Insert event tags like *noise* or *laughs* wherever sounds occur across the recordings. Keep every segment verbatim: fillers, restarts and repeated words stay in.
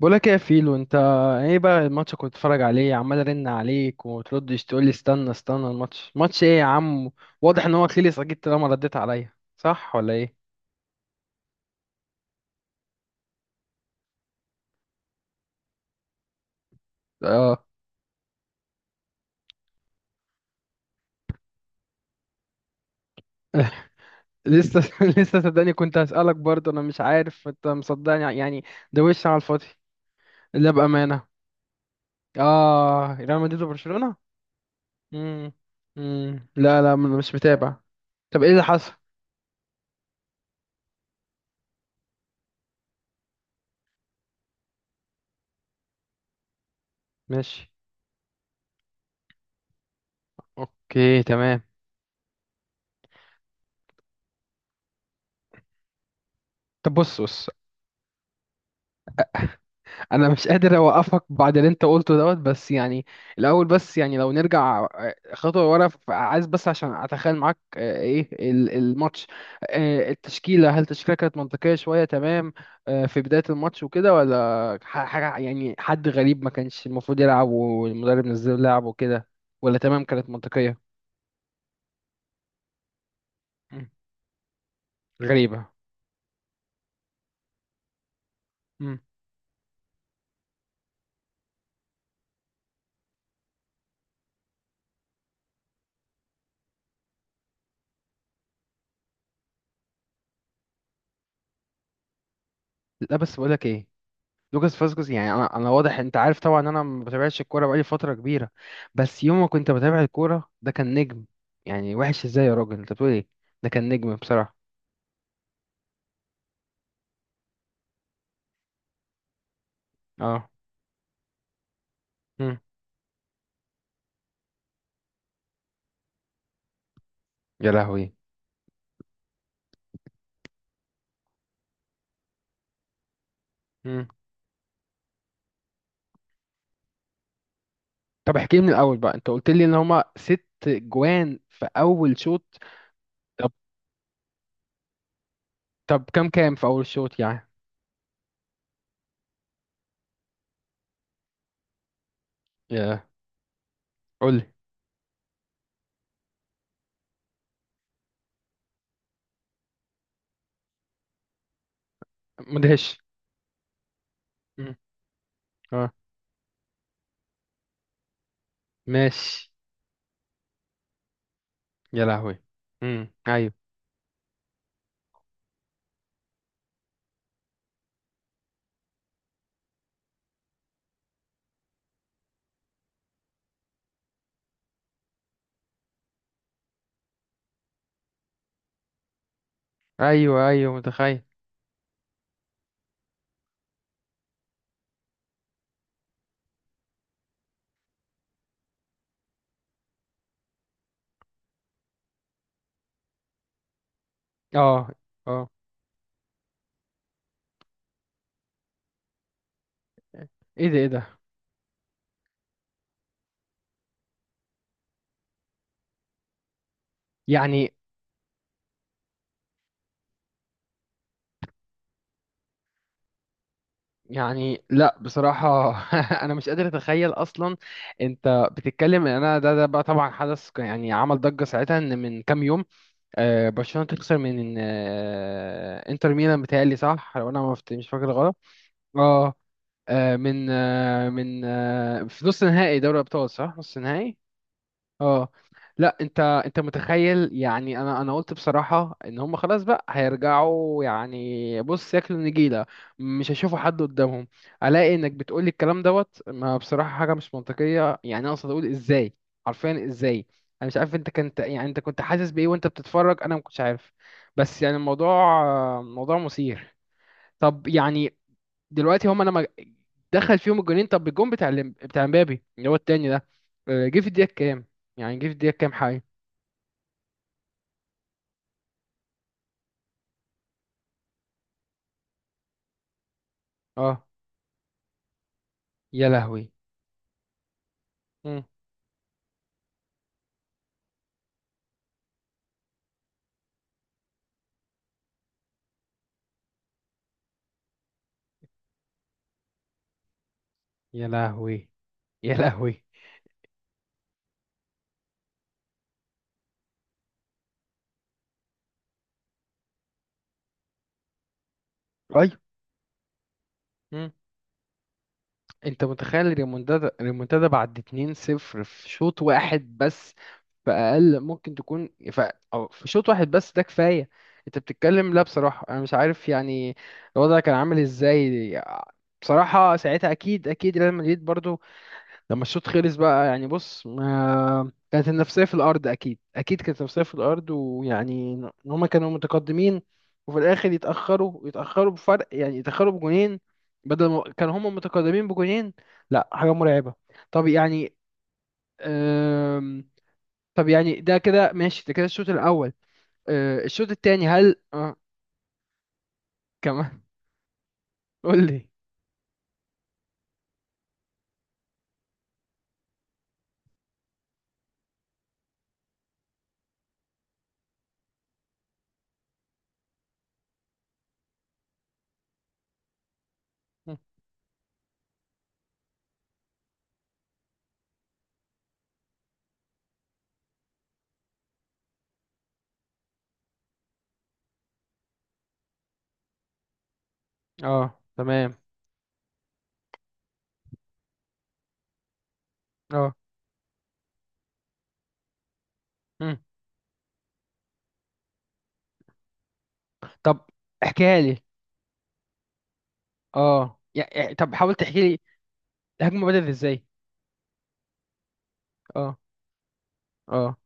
بقولك ايه يا فيلو انت؟ ايه بقى الماتش كنت بتتفرج عليه، عمال ارن عليك وتردش، تقول لي استنى استنى الماتش، ماتش ايه يا عم واضح ان هو خلص اكيد طالما رديت عليا، صح ولا ايه؟ اه. *laughs* لسه لسه صدقني كنت هسألك برضه، انا مش عارف انت مصدقني يعني. ده وش على الفاضي. لا، بأمانة. اه، ريال مدريد وبرشلونة. امم امم لا، لا، انا مش متابع. طب ايه اللي حصل؟ ماشي. اوكي، تمام. طب، بص بص. انا مش قادر اوقفك بعد اللي انت قلته دوت، بس يعني. الاول بس يعني، لو نرجع آه، خطوه ورا، ف- عايز بس عشان اتخيل معاك آه، ايه ال- الماتش. آه، التشكيله، هل التشكيله كانت منطقيه شويه؟ تمام. آه، في بدايه الماتش وكده، ولا ح- حاجه يعني حد غريب ما كانش المفروض يلعب والمدرب نزل لعب وكده؟ ولا تمام كانت منطقيه؟ مم. غريبه. مم. لا، بس بقولك ايه. لوكاس فاسكوز، يعني انا انا واضح، انت عارف طبعا ان انا ما بتابعش الكوره بقالي فتره كبيره. بس يوم ما كنت بتابع الكوره ده كان نجم. يعني وحش ازاي يا راجل، انت بتقول ايه؟ ده كان نجم بصراحه. اه. مم. يا لهوي. مم. طب احكي لي من الاول بقى، انت قلت لي ان هما ست جوان في اول شوط. طب. طب، كام كام في اول شوط يعني؟ يا. قول لي. مدهش. مم. اه. ماشي. يا لهوي. مم. ايوه، ايوه، ايوه، متخيل. اه، اه. ايه ده، ايه ده. يعني. يعني لا بصراحة، *laughs* أنا مش قادر أتخيل أصلا. أنت بتتكلم إن أنا، ده ده بقى طبعا حدث، ك- يعني عمل ضجة ساعتها، إن من كام يوم آه، برشلونة تخسر من آه، إنتر ميلان، بتهيألي صح، لو أنا ما فت- مش فاكر غلط. أه. آه، من آه، من آه، في نص نهائي دوري أبطال، صح، نص نهائي. اه. لا، انت انت متخيل يعني، انا انا قلت بصراحه ان هم خلاص بقى هيرجعوا، يعني بص ياكلوا نجيله. مش هيشوفوا حد قدامهم. الاقي انك بتقولي الكلام دوت، ما بصراحه حاجه مش منطقيه يعني، انا اقصد اقول ازاي. حرفيا ازاي. انا مش عارف، انت كنت يعني انت كنت حاسس بايه وانت بتتفرج، انا ما كنتش عارف. بس يعني الموضوع، موضوع مثير. طب يعني، دلوقتي هما لما دخل فيهم الجونين، طب الجون بتاع الم- بتاع مبابي اللي هو التاني ده، آه، جه في الدقيقة كام؟ يعني جه في الدقيقة كام حاجة؟ اه. يا لهوي. مم. يا لهوي. يا لهوي. ايوه. مم. انت متخيل الريمونتادا، الريمونتادا بعد اثنين صفر في شوط واحد بس، في اقل ممكن تكون ف... او في شوط واحد بس، ده كفاية. انت بتتكلم، لا بصراحة انا مش عارف يعني، الوضع كان عامل ازاي. بصراحة ساعتها، اكيد اكيد ريال مدريد برضو لما الشوط خلص بقى، يعني بص، ما كانت النفسية في الأرض أكيد، أكيد كانت النفسية في الأرض، ويعني إن هما كانوا متقدمين، وفي الآخر يتأخروا يتأخروا بفرق، يعني يتأخروا بجونين بدل ما كانوا هما متقدمين بجونين. لا، حاجة مرعبة. طب يعني، أم... طب يعني ده كده ماشي، ده كده الشوط الأول. أه، الشوط التاني هل أه كمان؟ *laughs* قول لي. اه، تمام. اه. مم. طب، احكيها لي. اه، يعني طب، حاول تحكي لي. الهجمة بدأت ازاي؟ اه. اه.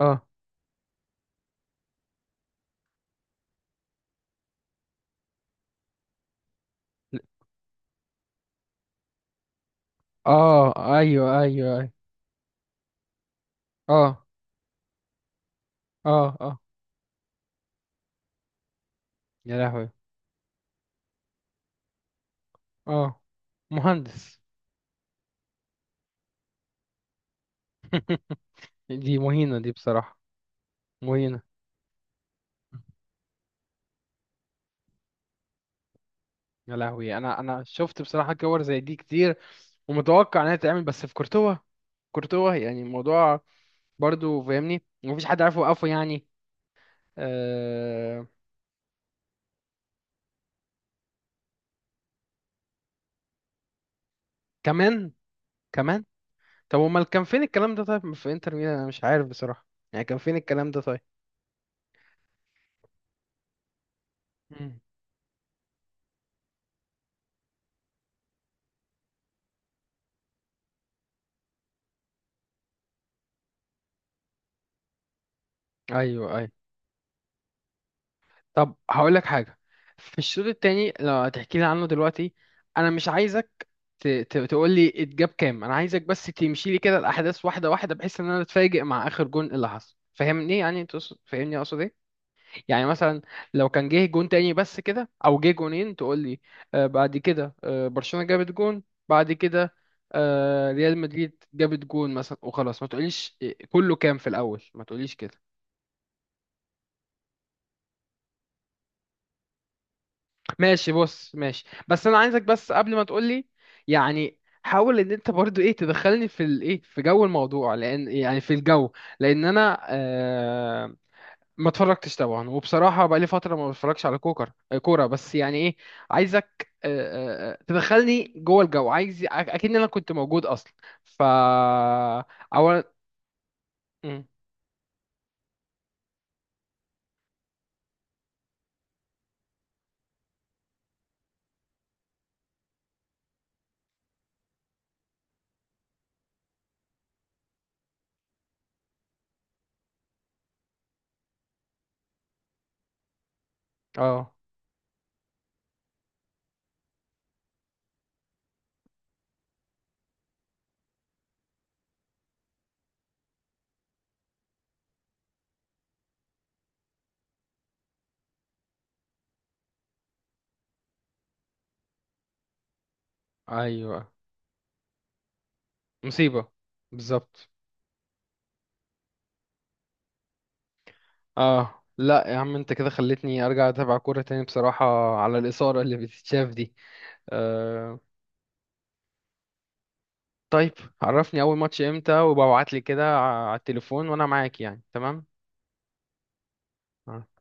اه. ل- اه، ايوه، ايوه، ايوه. اه، اه، اه. يا لهوي. اه، مهندس. *laughs* دي مهينة دي بصراحة. مهينة. يا لهوي، انا انا شفت بصراحة كور زي دي كتير، ومتوقع انها تتعمل، بس في كورتوا. كورتوا يعني الموضوع، برضو فاهمني، مفيش حد عارف يوقفه يعني. آه... كمان؟ كمان. طب امال كان فين الكلام ده، طيب في انتر ميلان، انا مش عارف بصراحة، يعني كان فين الكلام ده طيب. مم. ايوه، ايوه. طب هقول لك حاجة. في الشوط التاني لو هتحكي لي عنه دلوقتي، انا مش عايزك تقول لي اتجاب كام، انا عايزك بس تمشي لي كده الاحداث واحدة واحدة، بحيث ان انا اتفاجئ مع اخر جون اللي حصل، فاهمني يعني انت تقصد- فاهمني اقصد ايه، يعني مثلا لو كان جه جون تاني بس كده او جه جونين، تقول لي آه بعد كده آه برشلونة جابت جون، بعد كده آه ريال مدريد جابت جون مثلا، وخلاص ما تقوليش آه، كله كام في الاول، ما تقوليش كده. ماشي، بص، ماشي، بس انا عايزك بس قبل ما تقولي يعني، حاول ان انت برضو ايه، تدخلني في الايه، في جو الموضوع، لان يعني في الجو، لان انا آه ما اتفرجتش طبعا، وبصراحه بقالي فتره ما بتفرجش على كوكر آه، كوره، بس يعني ايه، عايزك آه آه، آه، تدخلني جوه الجو، عايز أك- اكيد انا كنت موجود اصلا. ف اولا، مم، اه، ايوه، مصيبه. بالظبط. اه، لا يا عم، انت كده خلتني ارجع اتابع كورة تاني بصراحة، على الإثارة اللي بتتشاف دي. آه. طيب، عرفني اول ماتش امتى، وببعت لي كده على التليفون وانا معاك يعني، تمام. آه.